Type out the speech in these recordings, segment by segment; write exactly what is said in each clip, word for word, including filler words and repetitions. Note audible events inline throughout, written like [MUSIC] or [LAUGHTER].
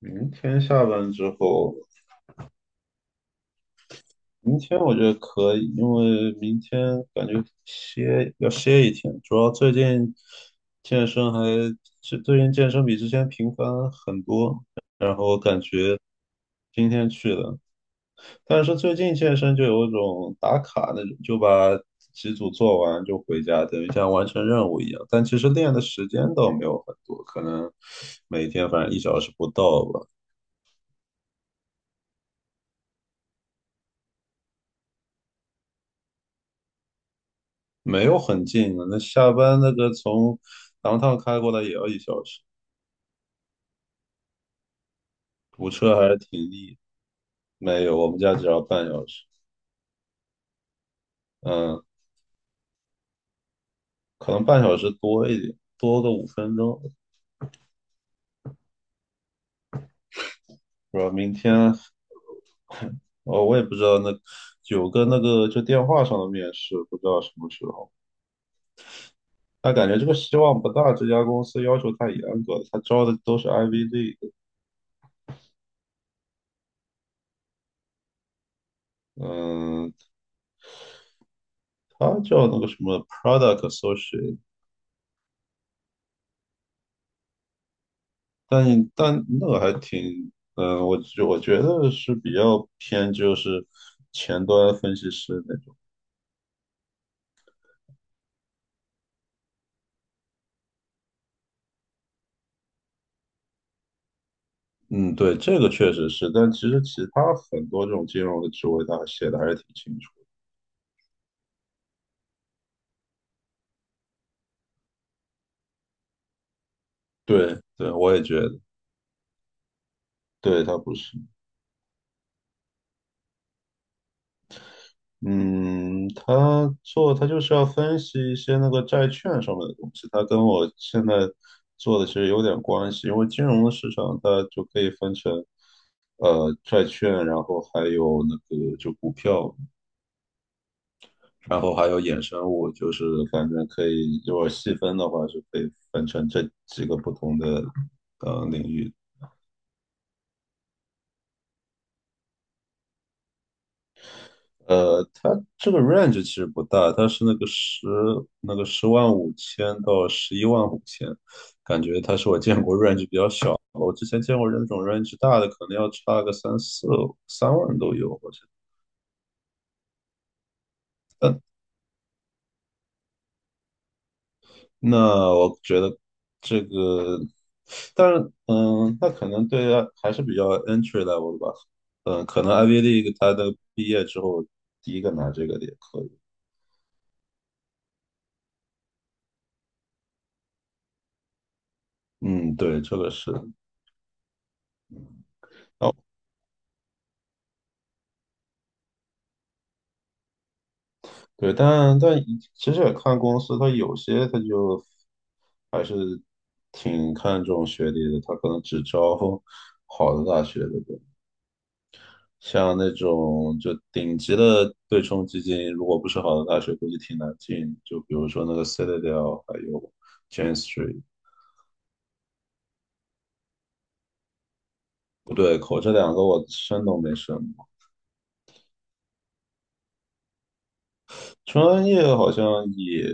明天下班之后，明天我觉得可以，因为明天感觉歇要歇一天。主要最近健身还最最近健身比之前频繁很多，然后感觉今天去的。但是最近健身就有一种打卡那种，就把几组做完就回家，等于像完成任务一样，但其实练的时间倒没有很多，可能每天反正一小时不到吧。没有很近啊。那下班那个从 d o 开过来也要一小时。堵车还是挺厉没有，我们家只要半小时。嗯，可能半小时多一点，多个五分钟。不知道明天。哦，我也不知道。那有个那个就电话上的面试，不知道什么时候。但感觉这个希望不大，这家公司要求太严格了，他招的都是 i v D。嗯，他叫那个什么 Product Associate。但但那个还挺，嗯、我觉我觉得是比较偏就是前端分析师那种。嗯，对，这个确实是，但其实其他很多这种金融的职位，他写的还是挺清楚的。对，对，我也觉得。对，他不是。嗯，他做他就是要分析一些那个债券上面的东西，他跟我现在做的其实有点关系，因为金融的市场它就可以分成。呃，债券，然后还有那个就股票，然后还有衍生物，就是反正可以，如果细分的话，是可以分成这几个不同的呃领域。呃，它这个 range 其实不大，它是那个十那个十万五千到十一万五千。感觉它是我见过 [LAUGHS] range 比较小的。我之前见过那种 range 大的，可能要差个三四三万都有。我觉得，那我觉得这个，但是嗯，那可能对啊还是比较 entry level 的吧。嗯，可能 Ivy League 它的毕业之后第一个拿这个的也可以。嗯，对，这个是。哦，对，但但其实也看公司，它有些它就还是挺看重学历的，它可能只招 [LAUGHS] 好的大学的。像那种就顶级的对冲基金，如果不是好的大学，估计挺难进。就比如说那个 Citadel，还有 Jane Street。不对口，这两个我申都没申过。专业好像也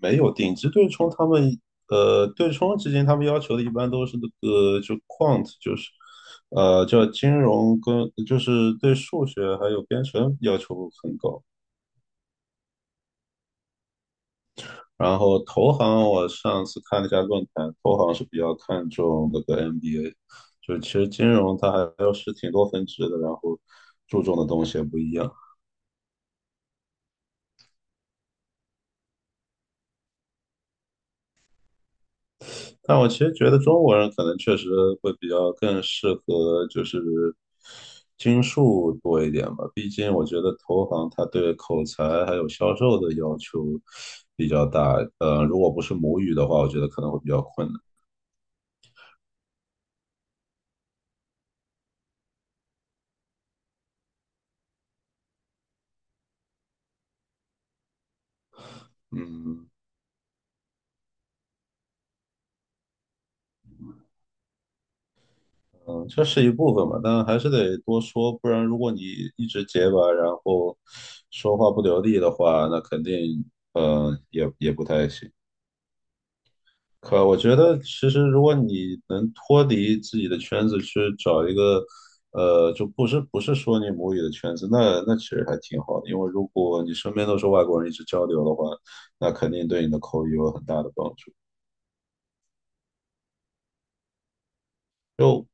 没有顶级对冲，他们呃对冲基金他们要求的一般都是那个就 quant，就是呃叫金融跟就是对数学还有编程要求很高。然后投行，我上次看了一下论坛，投行是比较看重那个 M B A，就其实金融它还是挺多分支的，然后注重的东西也不一样。但我其实觉得中国人可能确实会比较更适合就是金数多一点吧，毕竟我觉得投行它对口才还有销售的要求比较大。呃，如果不是母语的话，我觉得可能会比较困难。嗯。嗯，这是一部分吧，但还是得多说，不然如果你一直结巴，然后说话不流利的话，那肯定，呃，也也不太行。可我觉得，其实如果你能脱离自己的圈子去找一个。呃，就不是不是说你母语的圈子，那那其实还挺好的，因为如果你身边都是外国人一直交流的话，那肯定对你的口语有很大的帮助。就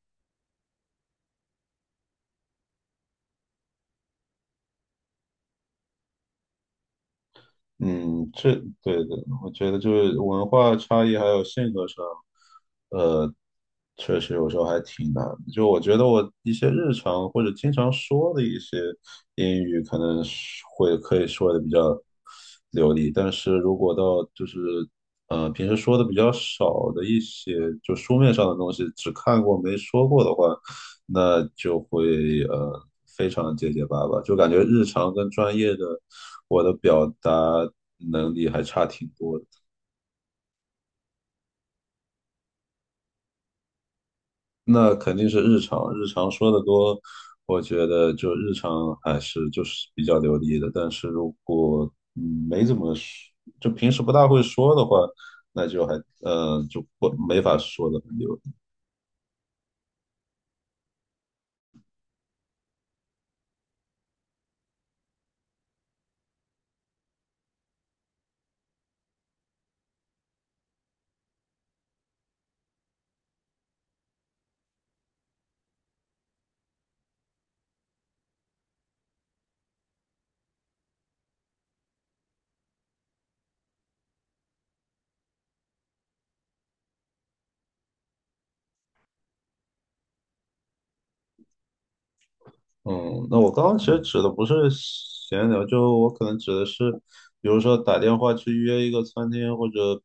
嗯，这对的。我觉得就是文化差异还有性格上，呃，确实有时候还挺难的。就我觉得我一些日常或者经常说的一些英语，可能是会可以说的比较流利，但是如果到就是呃平时说的比较少的一些，就书面上的东西，只看过没说过的话，那就会呃非常结结巴巴，就感觉日常跟专业的。我的表达能力还差挺多的。那肯定是日常，日常说的多。我觉得就日常还是就是比较流利的。但是如果嗯没怎么说，就平时不大会说的话，那就还呃就不没法说的很流。嗯，那我刚刚其实指的不是闲聊，就我可能指的是，比如说打电话去约一个餐厅，或者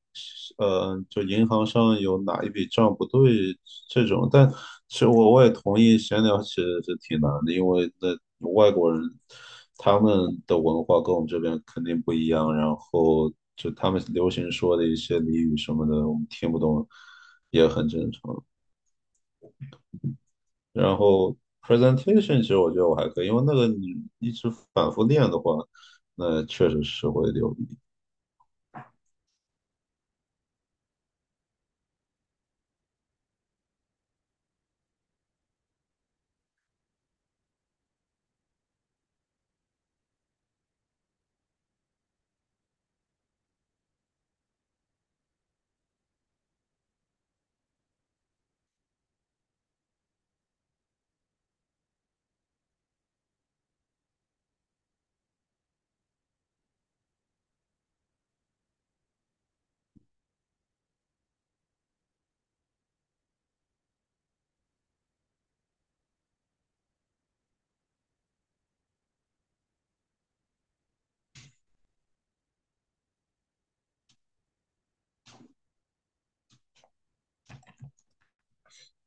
呃，就银行上有哪一笔账不对这种。但其实我我也同意，闲聊其实是挺难的，因为那外国人他们的文化跟我们这边肯定不一样，然后就他们流行说的一些俚语什么的，我们听不懂也很正常。然后 presentation 其实我觉得我还可以，因为那个你一直反复练的话，那确实是会流利。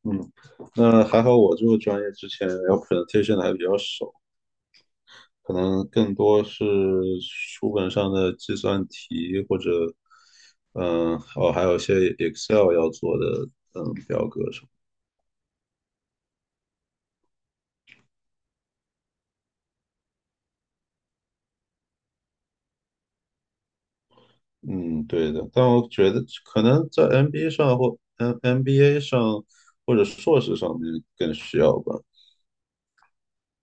嗯，那还好我这个专业之前要 presentation 的还比较少，可能更多是书本上的计算题或者。嗯，哦，还有一些 Excel 要做的。嗯，表格什么。嗯，对的，但我觉得可能在 M B A 上或嗯 M MBA 上或者硕士上面更需要吧。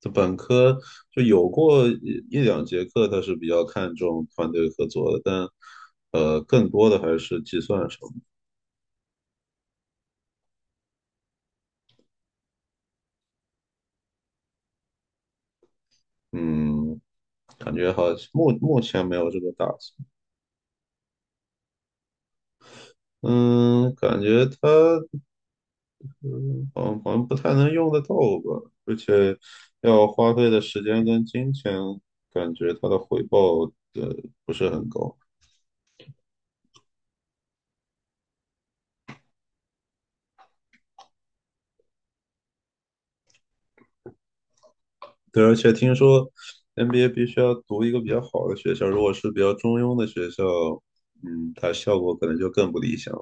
就本科就有过一一两节课，他是比较看重团队合作的，但呃，更多的还是计算什么。嗯，感觉好目目前没有这个打算。嗯，感觉它嗯好像不太能用得到吧，而且要花费的时间跟金钱，感觉他的回报呃不是很高。对，而且听说 N B A 必须要读一个比较好的学校，如果是比较中庸的学校。嗯，它效果可能就更不理想。